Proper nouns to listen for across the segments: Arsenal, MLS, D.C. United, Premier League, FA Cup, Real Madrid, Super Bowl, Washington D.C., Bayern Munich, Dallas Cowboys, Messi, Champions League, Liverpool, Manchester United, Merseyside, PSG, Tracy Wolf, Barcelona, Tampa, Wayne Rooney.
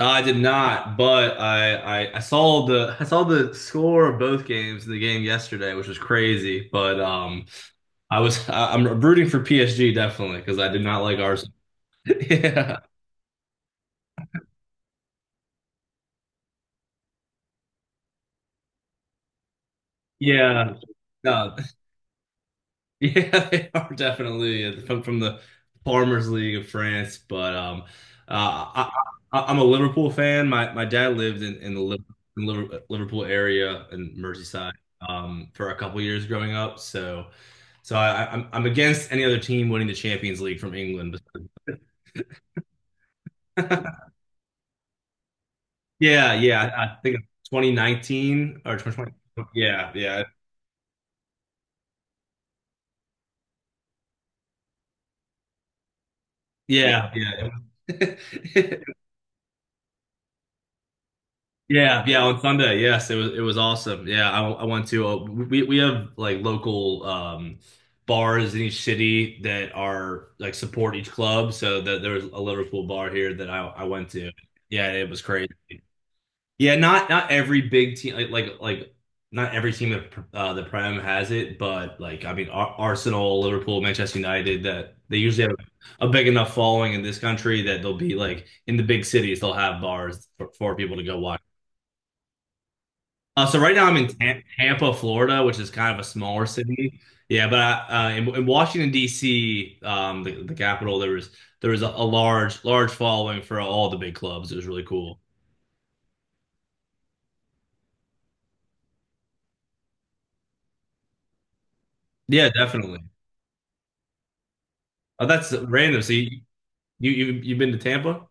I did not, but I saw the score of both games in the game yesterday, which was crazy. But I was I'm rooting for PSG definitely because I did not like Arsenal. Yeah, yeah. No. Yeah, they are definitely from the Farmers League of France. Uh, I, I'm a Liverpool fan. My dad lived in the Liverpool area in Merseyside for a couple years growing up. So I'm against any other team winning the Champions League from England. Yeah, yeah, I think 2019 or 2020. Yeah, yeah, yeah, yeah. It. Yeah, yeah, on Sunday. Yes, it was awesome. Yeah, I went to we have like local bars in each city that are like support each club. So that there was a Liverpool bar here that I went to. Yeah, it was crazy. Yeah, not every big team like not every team that the Prem has it, but like I mean Ar Arsenal, Liverpool, Manchester United that they usually have a big enough following in this country that they'll be like in the big cities they'll have bars for people to go watch. So right now I'm in Tampa, Florida, which is kind of a smaller city. Yeah, but in Washington D.C., the capital, there was a large large following for all the big clubs. It was really cool. Yeah, definitely. Oh, that's random. So you you've been to Tampa?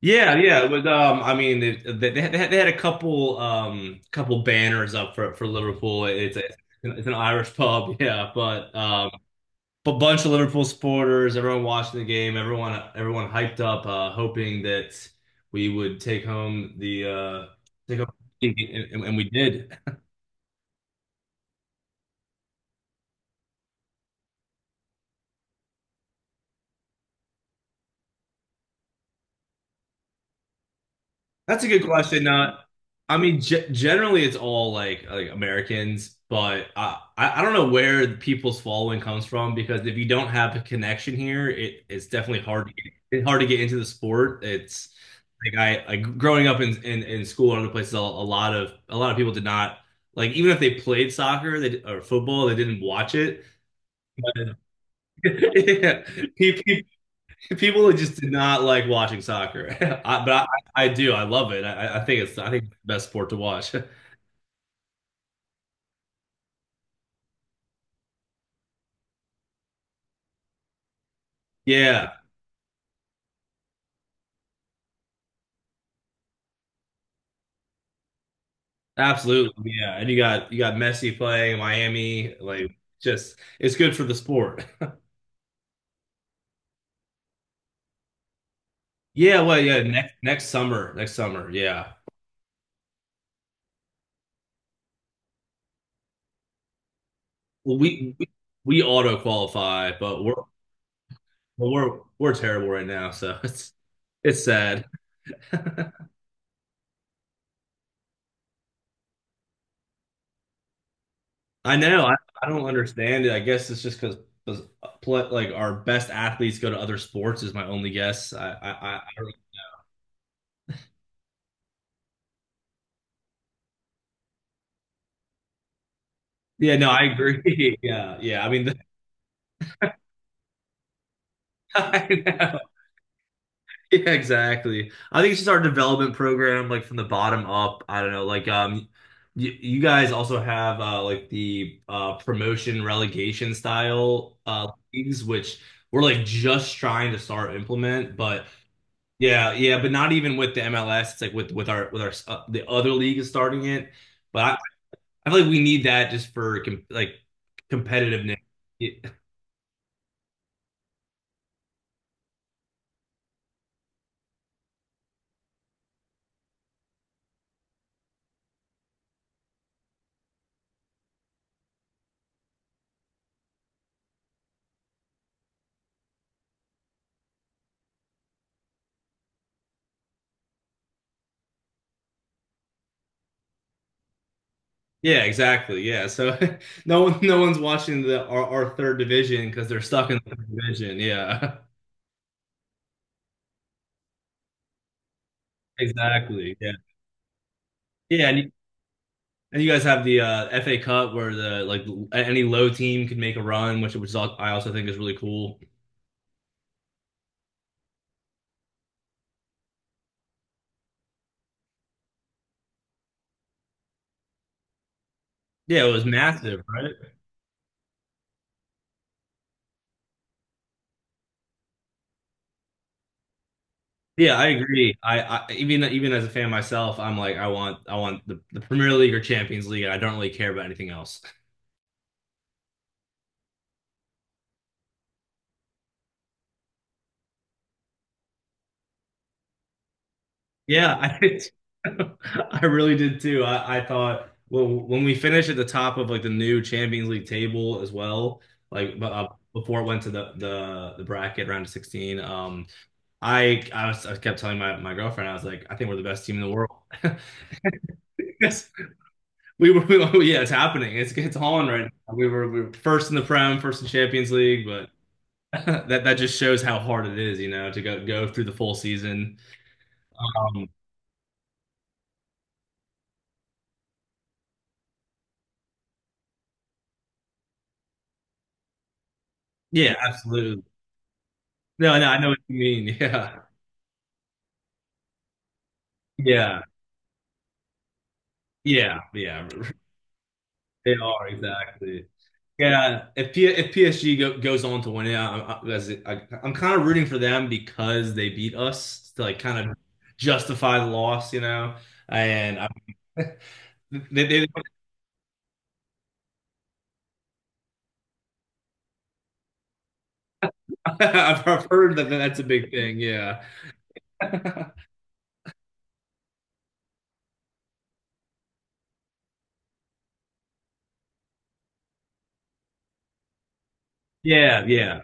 Yeah, yeah. With I mean, they had, they had a couple couple banners up for Liverpool. It's an Irish pub, yeah. But bunch of Liverpool supporters, everyone watching the game, everyone hyped up, hoping that we would take home the take home, and we did. That's a good question. I mean, generally it's all like Americans, but I don't know where the people's following comes from because if you don't have a connection here, it it's definitely hard to get, it's hard to get into the sport. It's like I like growing up in school and other places, a lot of people did not like even if they played soccer or football, they didn't watch it. Yeah. Pe- People that just did not like watching soccer, I, but I do. I love it. I think it's the best sport to watch. Yeah, absolutely. Yeah, and you got Messi playing Miami. Like, just it's good for the sport. Yeah, well, yeah. Next summer, next summer. Yeah, well, we auto qualify, but we're terrible right now, so it's sad. I know. I don't understand it. I guess it's just because like our best athletes go to other sports is my only guess. I don't- Yeah, no, I agree. Yeah, yeah. I know. Yeah, exactly. I think it's just our development program, like from the bottom up. I don't know. You, you guys also have like the promotion relegation style leagues, which we're like just trying to start implement, but. Yeah, yeah, but not even with the MLS. It's like with our with our the other league is starting it, but I feel like we need that just for com like competitiveness. Y- Yeah, exactly. Yeah, so no one's watching the our third division because they're stuck in the third division. Yeah, exactly. Yeah, yeah, and you guys have the FA Cup where the any low team could make a run, which I also think is really cool. Yeah, it was massive, right? Yeah, I agree. I even even as a fan myself, I'm like, I want the Premier League or Champions League, and I don't really care about anything else. Yeah, I did, too. I really did too. I thought well when we finished at the top of like the new Champions League table as well, like bu- uh, before it went to the bracket round of 16, I kept telling my girlfriend. I was like, I think we're the best team in the world. Yes, we were. Yeah, it's happening. It's on right now. We were first in the Prem, first in Champions League, but that that just shows how hard it is, you know, to go through the full season. Um, yeah, absolutely. No, no, I know what you mean. Yeah, yeah, yeah, yeah. They are, exactly. Yeah, if PSG goes on to win it, I'm, I, as it- I, I'm kind of rooting for them because they beat us to like kind of justify the loss, you know. And I, they, they, I've heard that that's a big thing. Yeah, yeah, yeah.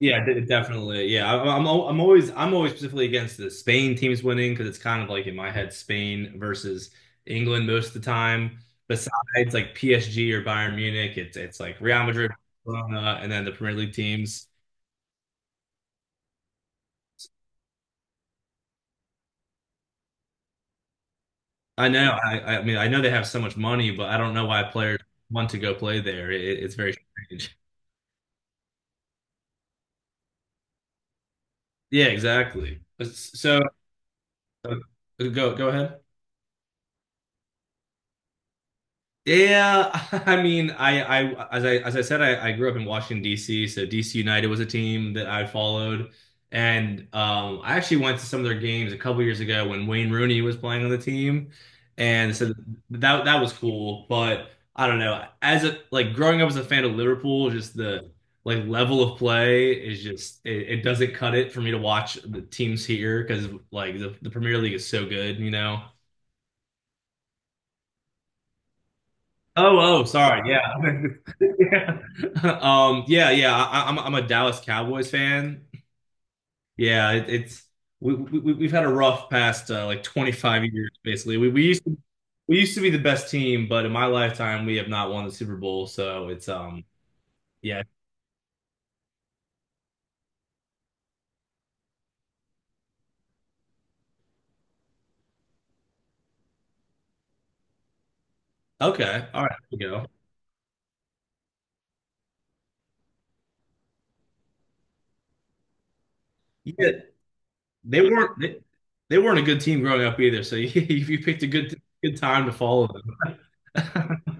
Yeah, definitely. I'm always specifically against the Spain teams winning because it's kind of like in my head Spain versus England most of the time. Besides like PSG or Bayern Munich, it's like Real Madrid, Barcelona, and then the Premier League teams. I know. I mean I know they have so much money, but I don't know why players want to go play there. It's very strange. Yeah, exactly. So, go ahead. Yeah, I mean, as I said, I grew up in Washington, D.C., so D.C. United was a team that I followed, and I actually went to some of their games a couple years ago when Wayne Rooney was playing on the team, and so that that was cool. But I don't know, as a like growing up as a fan of Liverpool, just the like level of play is just it doesn't cut it for me to watch the teams here because the Premier League is so good, you know. Oh, oh, sorry. Yeah. yeah. Yeah, yeah. I'm a Dallas Cowboys fan. Yeah, it's we've had a rough past like 25 years basically. We used to be the best team, but in my lifetime we have not won the Super Bowl, so it's um, yeah. Okay. All right, there we go. Yeah, they weren't they, they weren't a good team growing up either, so you picked a good time to follow them.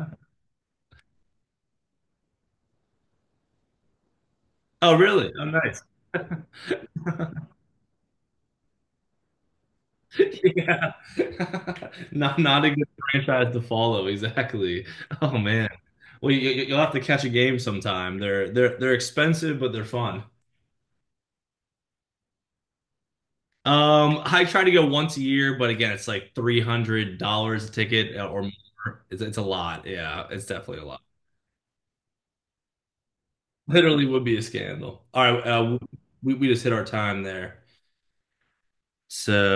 Oh, really? Oh, nice. Yeah. Not a good franchise to follow, exactly. Oh man. Well, you'll have to catch a game sometime. They're they're expensive, but they're fun. I try to go once a year, but again, it's like $300 a ticket or more. It's a lot. Yeah, it's definitely a lot. Literally would be a scandal. All right, we just hit our time there. So